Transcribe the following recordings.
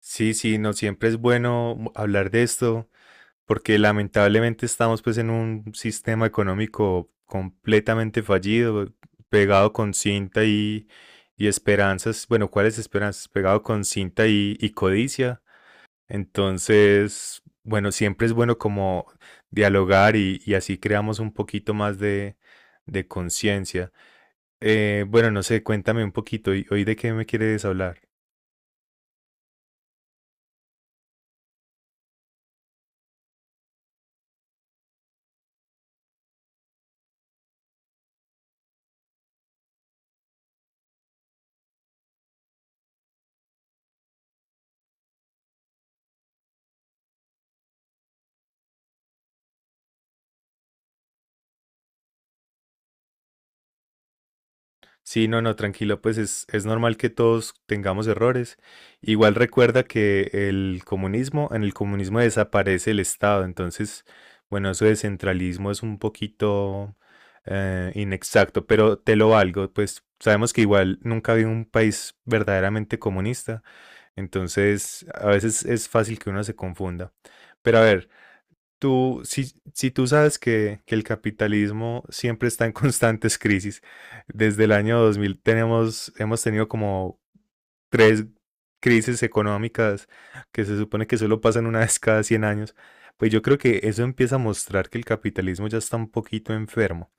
Sí, sí, no siempre es bueno hablar de esto, porque lamentablemente estamos pues en un sistema económico completamente fallido, pegado con cinta y esperanzas, bueno, ¿cuáles esperanzas? Pegado con cinta y codicia. Entonces, bueno, siempre es bueno como dialogar y así creamos un poquito más de conciencia. Bueno, no sé, cuéntame un poquito, ¿hoy de qué me quieres hablar? Sí, no, no, tranquilo, pues es normal que todos tengamos errores. Igual recuerda que el comunismo, en el comunismo desaparece el Estado, entonces, bueno, eso de centralismo es un poquito inexacto, pero te lo valgo, pues sabemos que igual nunca había un país verdaderamente comunista, entonces a veces es fácil que uno se confunda. Pero a ver, si tú sabes que el capitalismo siempre está en constantes crisis, desde el año 2000 tenemos, hemos tenido como tres crisis económicas que se supone que solo pasan una vez cada 100 años, pues yo creo que eso empieza a mostrar que el capitalismo ya está un poquito enfermo.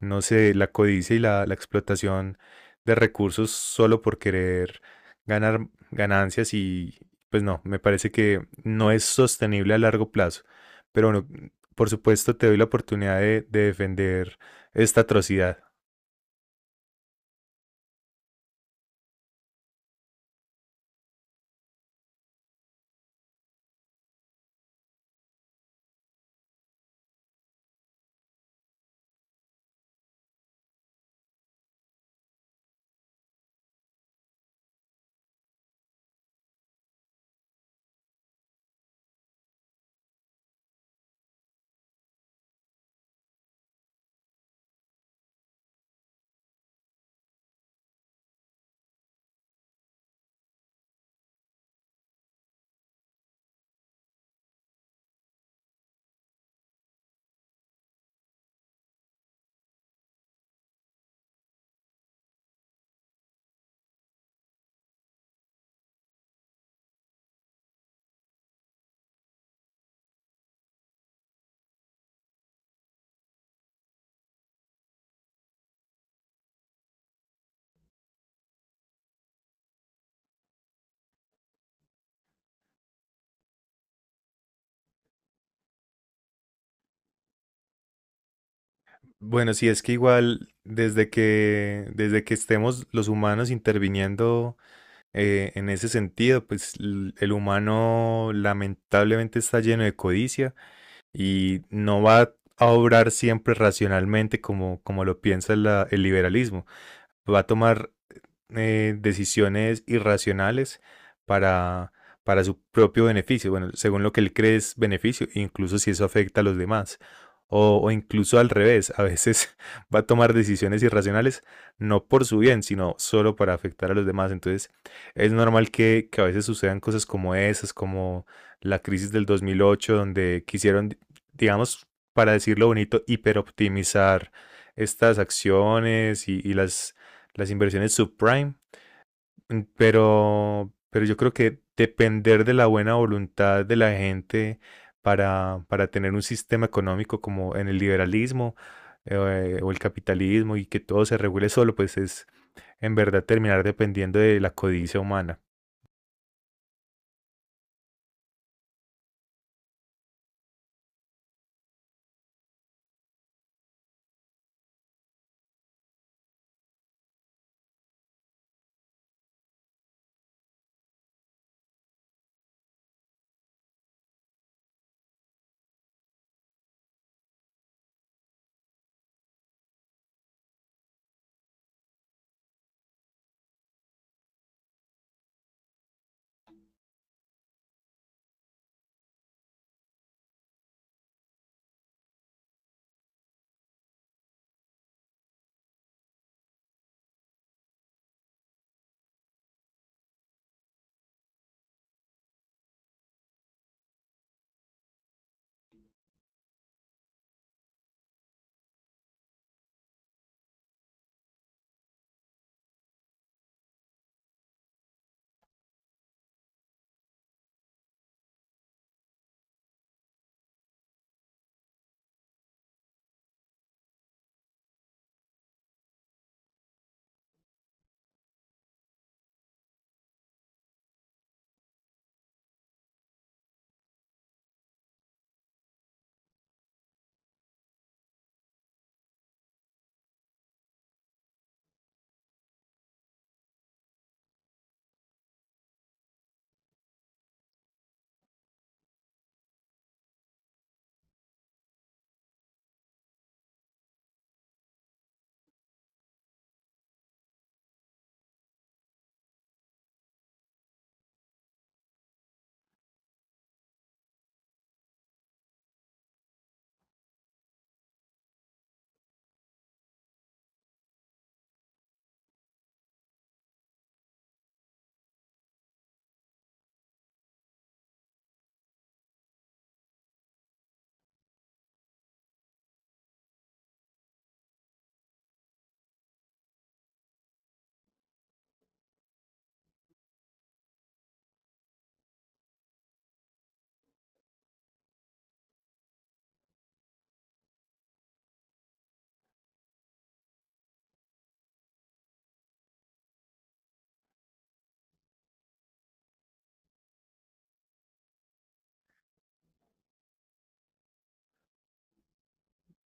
No sé, la codicia y la explotación de recursos solo por querer ganar ganancias y pues no, me parece que no es sostenible a largo plazo. Pero bueno, por supuesto te doy la oportunidad de defender esta atrocidad. Bueno, sí, es que igual desde que estemos los humanos interviniendo en ese sentido, pues el humano lamentablemente está lleno de codicia y no va a obrar siempre racionalmente como, como lo piensa el liberalismo va a tomar decisiones irracionales para, para su propio beneficio, bueno, según lo que él cree es beneficio, incluso si eso afecta a los demás. O incluso al revés, a veces va a tomar decisiones irracionales no por su bien, sino solo para afectar a los demás. Entonces es normal que a veces sucedan cosas como esas, como la crisis del 2008, donde quisieron, digamos, para decirlo bonito, hiperoptimizar estas acciones y las inversiones subprime, pero yo creo que depender de la buena voluntad de la gente para tener un sistema económico como en el liberalismo o el capitalismo y que todo se regule solo, pues es en verdad terminar dependiendo de la codicia humana.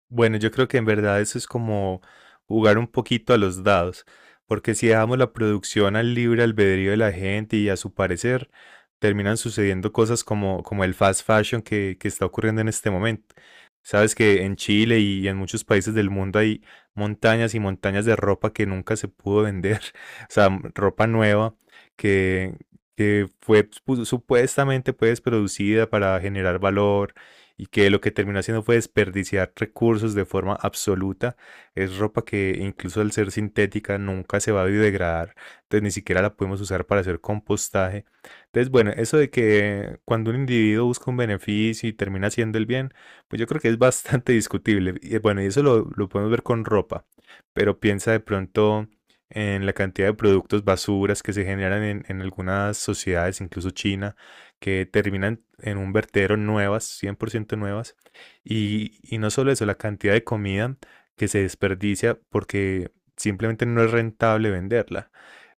Bueno, yo creo que en verdad eso es como jugar un poquito a los dados, porque si dejamos la producción al libre albedrío de la gente y a su parecer, terminan sucediendo cosas como, como el fast fashion que está ocurriendo en este momento. Sabes que en Chile y en muchos países del mundo hay montañas y montañas de ropa que nunca se pudo vender, o sea, m- ropa nueva que, que fue pu- supuestamente pues producida para generar valor y que lo que terminó haciendo fue desperdiciar recursos de forma absoluta. Es ropa que incluso al ser sintética nunca se va a biodegradar, entonces ni siquiera la podemos usar para hacer compostaje. Entonces, bueno, eso de que cuando un individuo busca un beneficio y termina haciendo el bien, pues yo creo que es bastante discutible. Y bueno, y eso lo podemos ver con ropa, pero piensa de pronto en la cantidad de productos basuras que se generan en algunas sociedades, incluso China que terminan en un vertedero nuevas, 100% nuevas. Y no solo eso, la cantidad de comida que se desperdicia porque simplemente no es rentable venderla.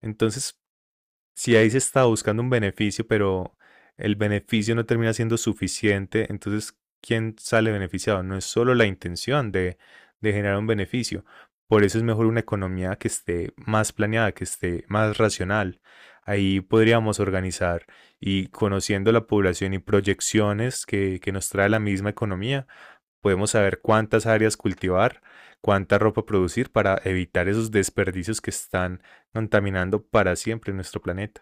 Entonces, si ahí se está buscando un beneficio, pero el beneficio no termina siendo suficiente, entonces, ¿quién sale beneficiado? No es solo la intención de generar un beneficio. Por eso es mejor una economía que esté más planeada, que esté más racional. Ahí podríamos organizar y conociendo la población y proyecciones que nos trae la misma economía, podemos saber cuántas áreas cultivar, cuánta ropa producir para evitar esos desperdicios que están contaminando para siempre nuestro planeta.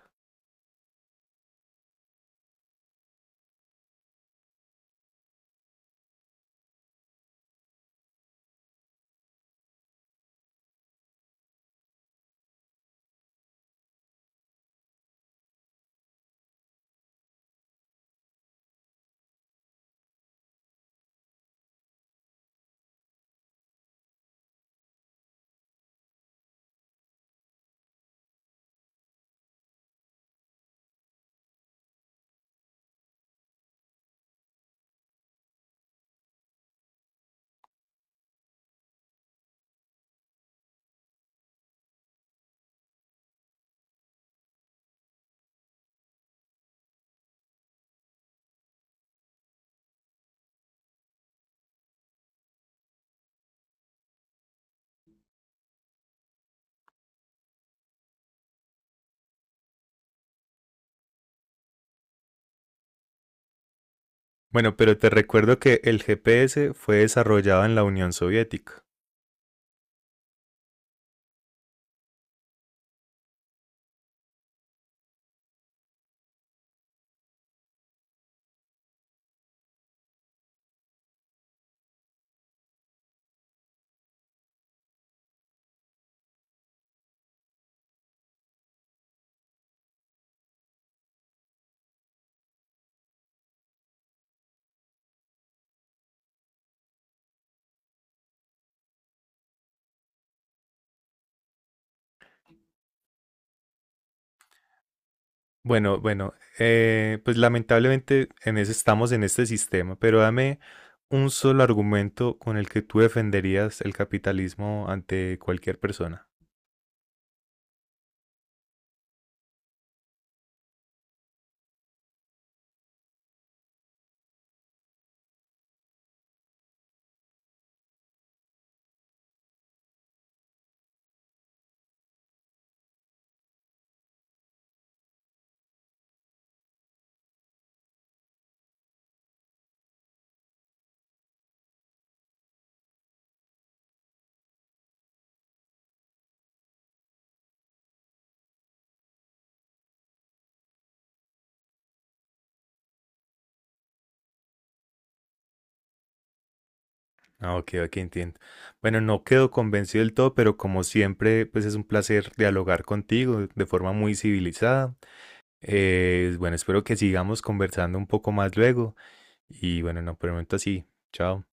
Bueno, pero te recuerdo que el GPS fue desarrollado en la Unión Soviética. Bueno, bueno, pues lamentablemente en ese estamos en este sistema, pero dame un solo argumento con el que tú defenderías el capitalismo ante cualquier persona. Ah, ok, ok, entiendo. Bueno, no quedo convencido del todo, pero como siempre, pues es un placer dialogar contigo de forma muy civilizada. Bueno, espero que sigamos conversando un poco más luego. Y bueno, no, por el momento así. Chao.